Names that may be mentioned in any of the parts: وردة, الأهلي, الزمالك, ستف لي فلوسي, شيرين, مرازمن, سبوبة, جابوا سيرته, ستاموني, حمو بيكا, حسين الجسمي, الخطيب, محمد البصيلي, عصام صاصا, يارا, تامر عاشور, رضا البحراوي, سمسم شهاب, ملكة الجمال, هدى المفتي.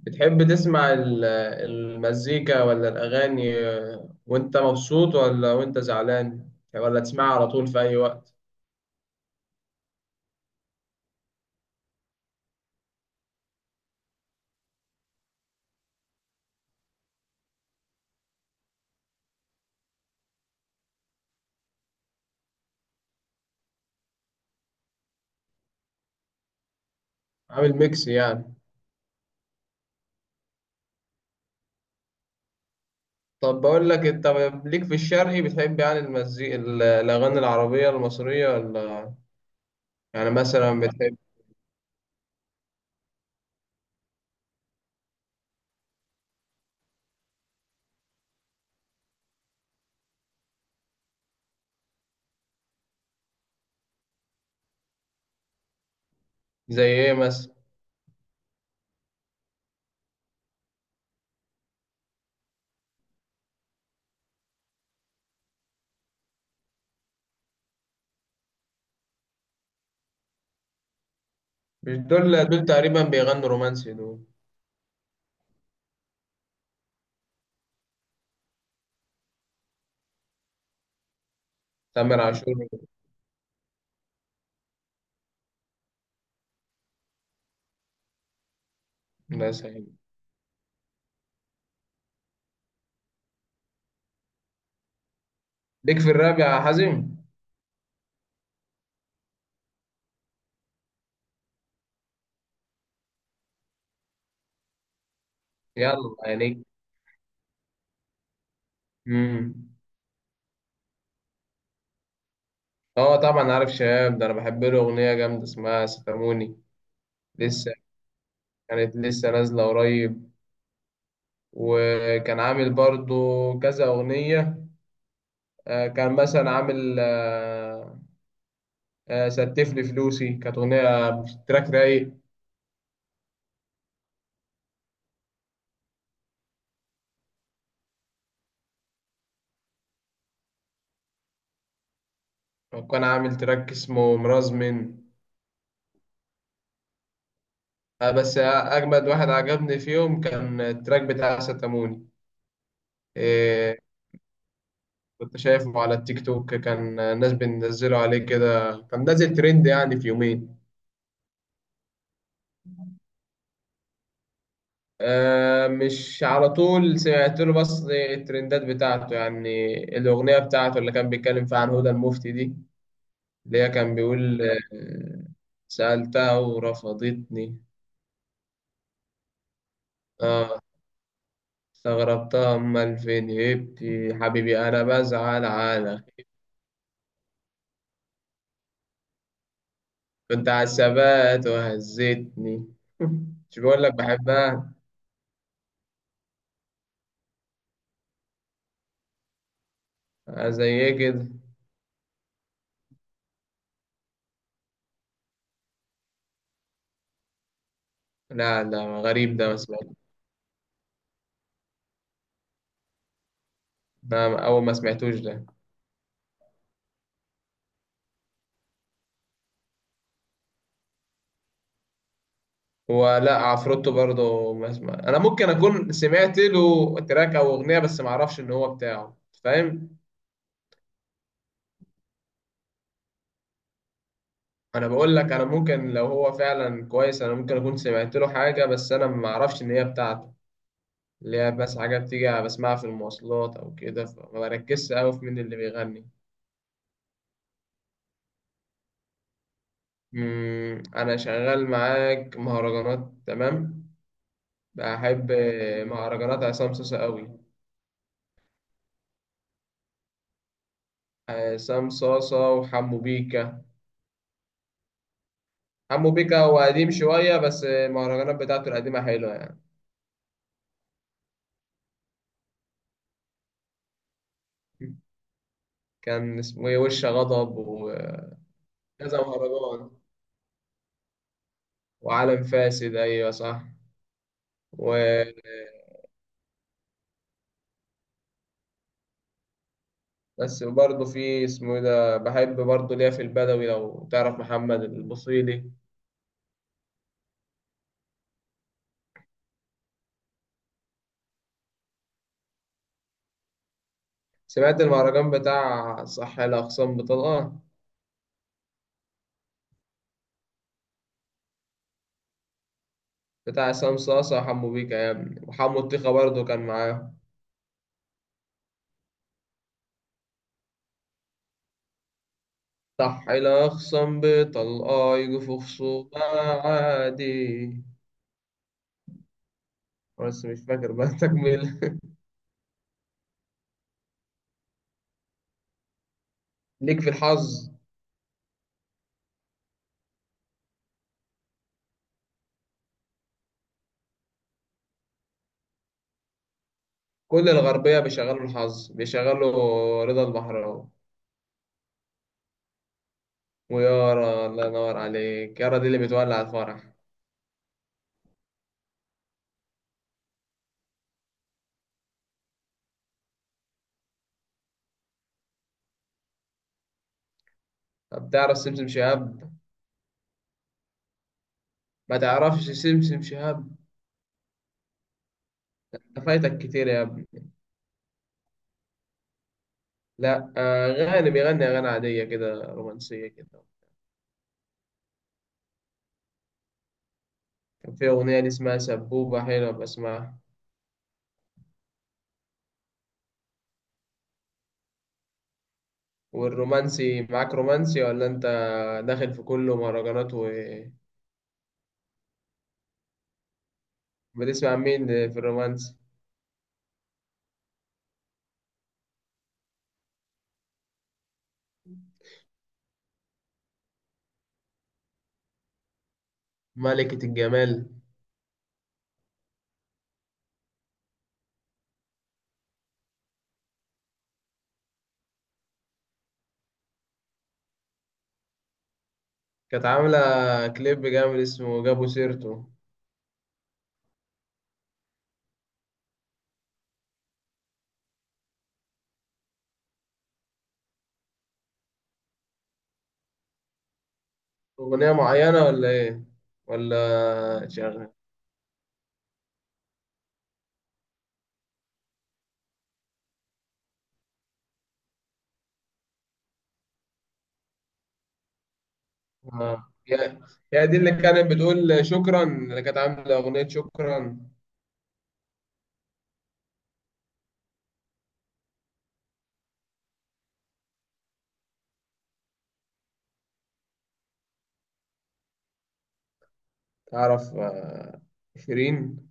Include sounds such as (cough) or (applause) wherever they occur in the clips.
بتحب تسمع المزيكا ولا الأغاني وأنت مبسوط ولا وأنت زعلان ولا تسمعها على طول في أي وقت؟ عامل ميكس يعني؟ طب بقول لك أنت، ليك في الشرقي؟ بتحب يعني المزيكا، الأغاني العربية المصرية ولا؟ يعني مثلا بتحب زي إيه مثلا؟ مش دول تقريبا بيغنوا رومانسي دول؟ تامر عاشور. والناس هي. ليك في الراب يا حازم؟ يلا عينيك. امم اه، طبعا عارف شباب ده، انا بحب له اغنيه جامده اسمها ستاموني. لسه كانت لسه نازلة قريب. وكان عامل برضو كذا أغنية، كان مثلا عامل ستف لي فلوسي كانت أغنية، تراك رايق. وكان عامل تراك اسمه مرازمن. بس أجمد واحد عجبني فيهم كان التراك بتاع ستاموني. آه، كنت شايفه على التيك توك، كان الناس بتنزله عليه كده، كان نازل ترند يعني في يومين. آه، مش على طول. سمعت له بس الترندات بتاعته، يعني الأغنية بتاعته اللي كان بيتكلم فيها عن هدى المفتي دي، اللي هي كان بيقول: آه سألتها ورفضتني. اه، استغربتها، أمال فين؟ هبتي حبيبي أنا بزعل على خيبتي. كنت على الثبات وهزتني (laughs) مش بقول لك بحبها؟ آه زي كده. لا، لا، غريب ده. ما سمعت- ده أول ما سمعتوش ده. ولا عفروتو برضه ما اسمع، انا ممكن اكون سمعت له تراك او اغنيه بس ما اعرفش ان هو بتاعه، فاهم؟ انا بقول لك، انا ممكن لو هو فعلا كويس انا ممكن اكون سمعت له حاجه بس انا ما اعرفش ان هي بتاعته، اللي هي بس حاجه بتيجي بسمعها في المواصلات او كده، فما بركزش قوي في مين اللي بيغني. انا شغال معاك مهرجانات تمام. بحب مهرجانات عصام صاصا قوي. عصام صاصا وحمو بيكا. حمو بيكا هو قديم شوية بس المهرجانات بتاعته القديمة حلوة يعني. كان اسمه ايه، وش غضب وكذا. مهرجان وعالم فاسد، أيوة صح. و... بس برضه في اسمه ايه ده، بحب برضه ليا في البدوي، لو تعرف محمد البصيلي. سمعت المهرجان بتاع صح الأقسام بطلقة؟ بتاع عصام صاصة وحمو بيكا يا ابني، وحمو الطيخة برضه كان معاه. صح الأقسام بطلقة، يجوا في خصومة عادي. بس مش فاكر بقى (laughs) تكمل. ليك في الحظ؟ كل الغربية بيشغلوا الحظ، بيشغلوا رضا البحراوي ويارا. الله ينور عليك، يارا دي اللي بتولع الفرح. طب تعرف سمسم شهاب؟ ما تعرفش سمسم شهاب؟ ده فايتك كتير يا ابني. لا، غاني بيغني أغاني عادية كده، رومانسية كده. كان في أغنية دي اسمها سبوبة، حلوة بسمعها. والرومانسي معاك؟ رومانسي ولا أنت داخل في كله مهرجانات؟ وبتسمع مين في الرومانسي؟ ملكة الجمال. كانت عاملة كليب جامد اسمه جابوا سيرته. أغنية معينة ولا إيه؟ ولا شغال؟ آه. يا دي اللي كانت بتقول شكرا، اللي كانت عاملة أغنية شكرا. تعرف شيرين؟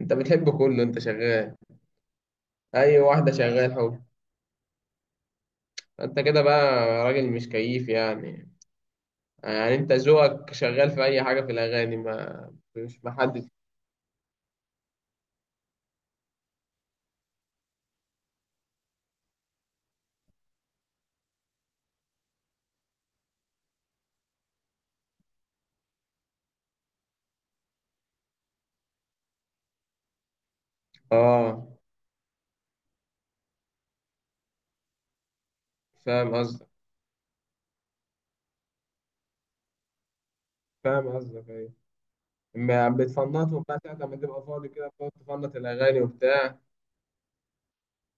أنت بتحب كله، أنت شغال أي واحدة شغال حب. أنت كده بقى راجل مش كيف يعني، يعني أنت ذوقك شغال في أي حاجة في الأغاني، ما مش محدد. آه، فاهم قصدك فاهم قصدك أيوة. ما بتفنطوا بقى ساعة ما تبقى فاضي كده، بتقعد تفنط الأغاني وبتاع؟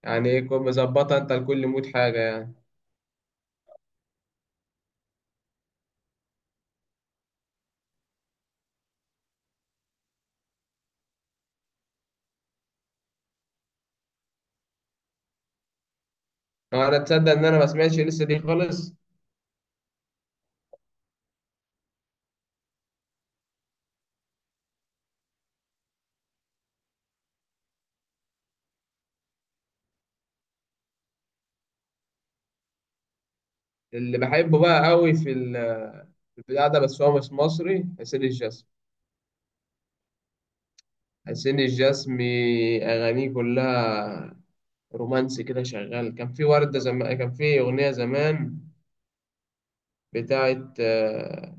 يعني إيه كنت مظبطها أنت لكل مود حاجة يعني؟ أنا تصدق إن أنا ما سمعتش لسه دي خالص. اللي بحبه بقى قوي في البتاع ده، بس هو مش مصري، حسين الجسمي. حسين الجسمي أغانيه كلها رومانسي كده شغال. كان في وردة زمان، كان في أغنية زمان بتاعت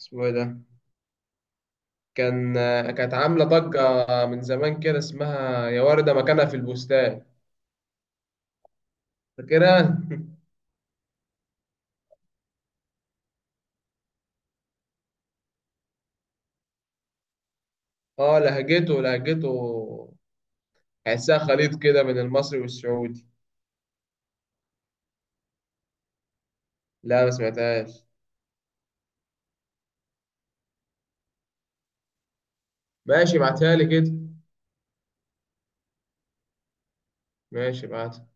اسمه إيه ده، كان كانت عاملة ضجة من زمان كده اسمها يا وردة مكانها في البستان. فاكرها؟ اه، لهجته تحسها خليط كده من المصري والسعودي. لا ما سمعتهاش. ماشي ابعتها لي كده. ماشي ابعتها.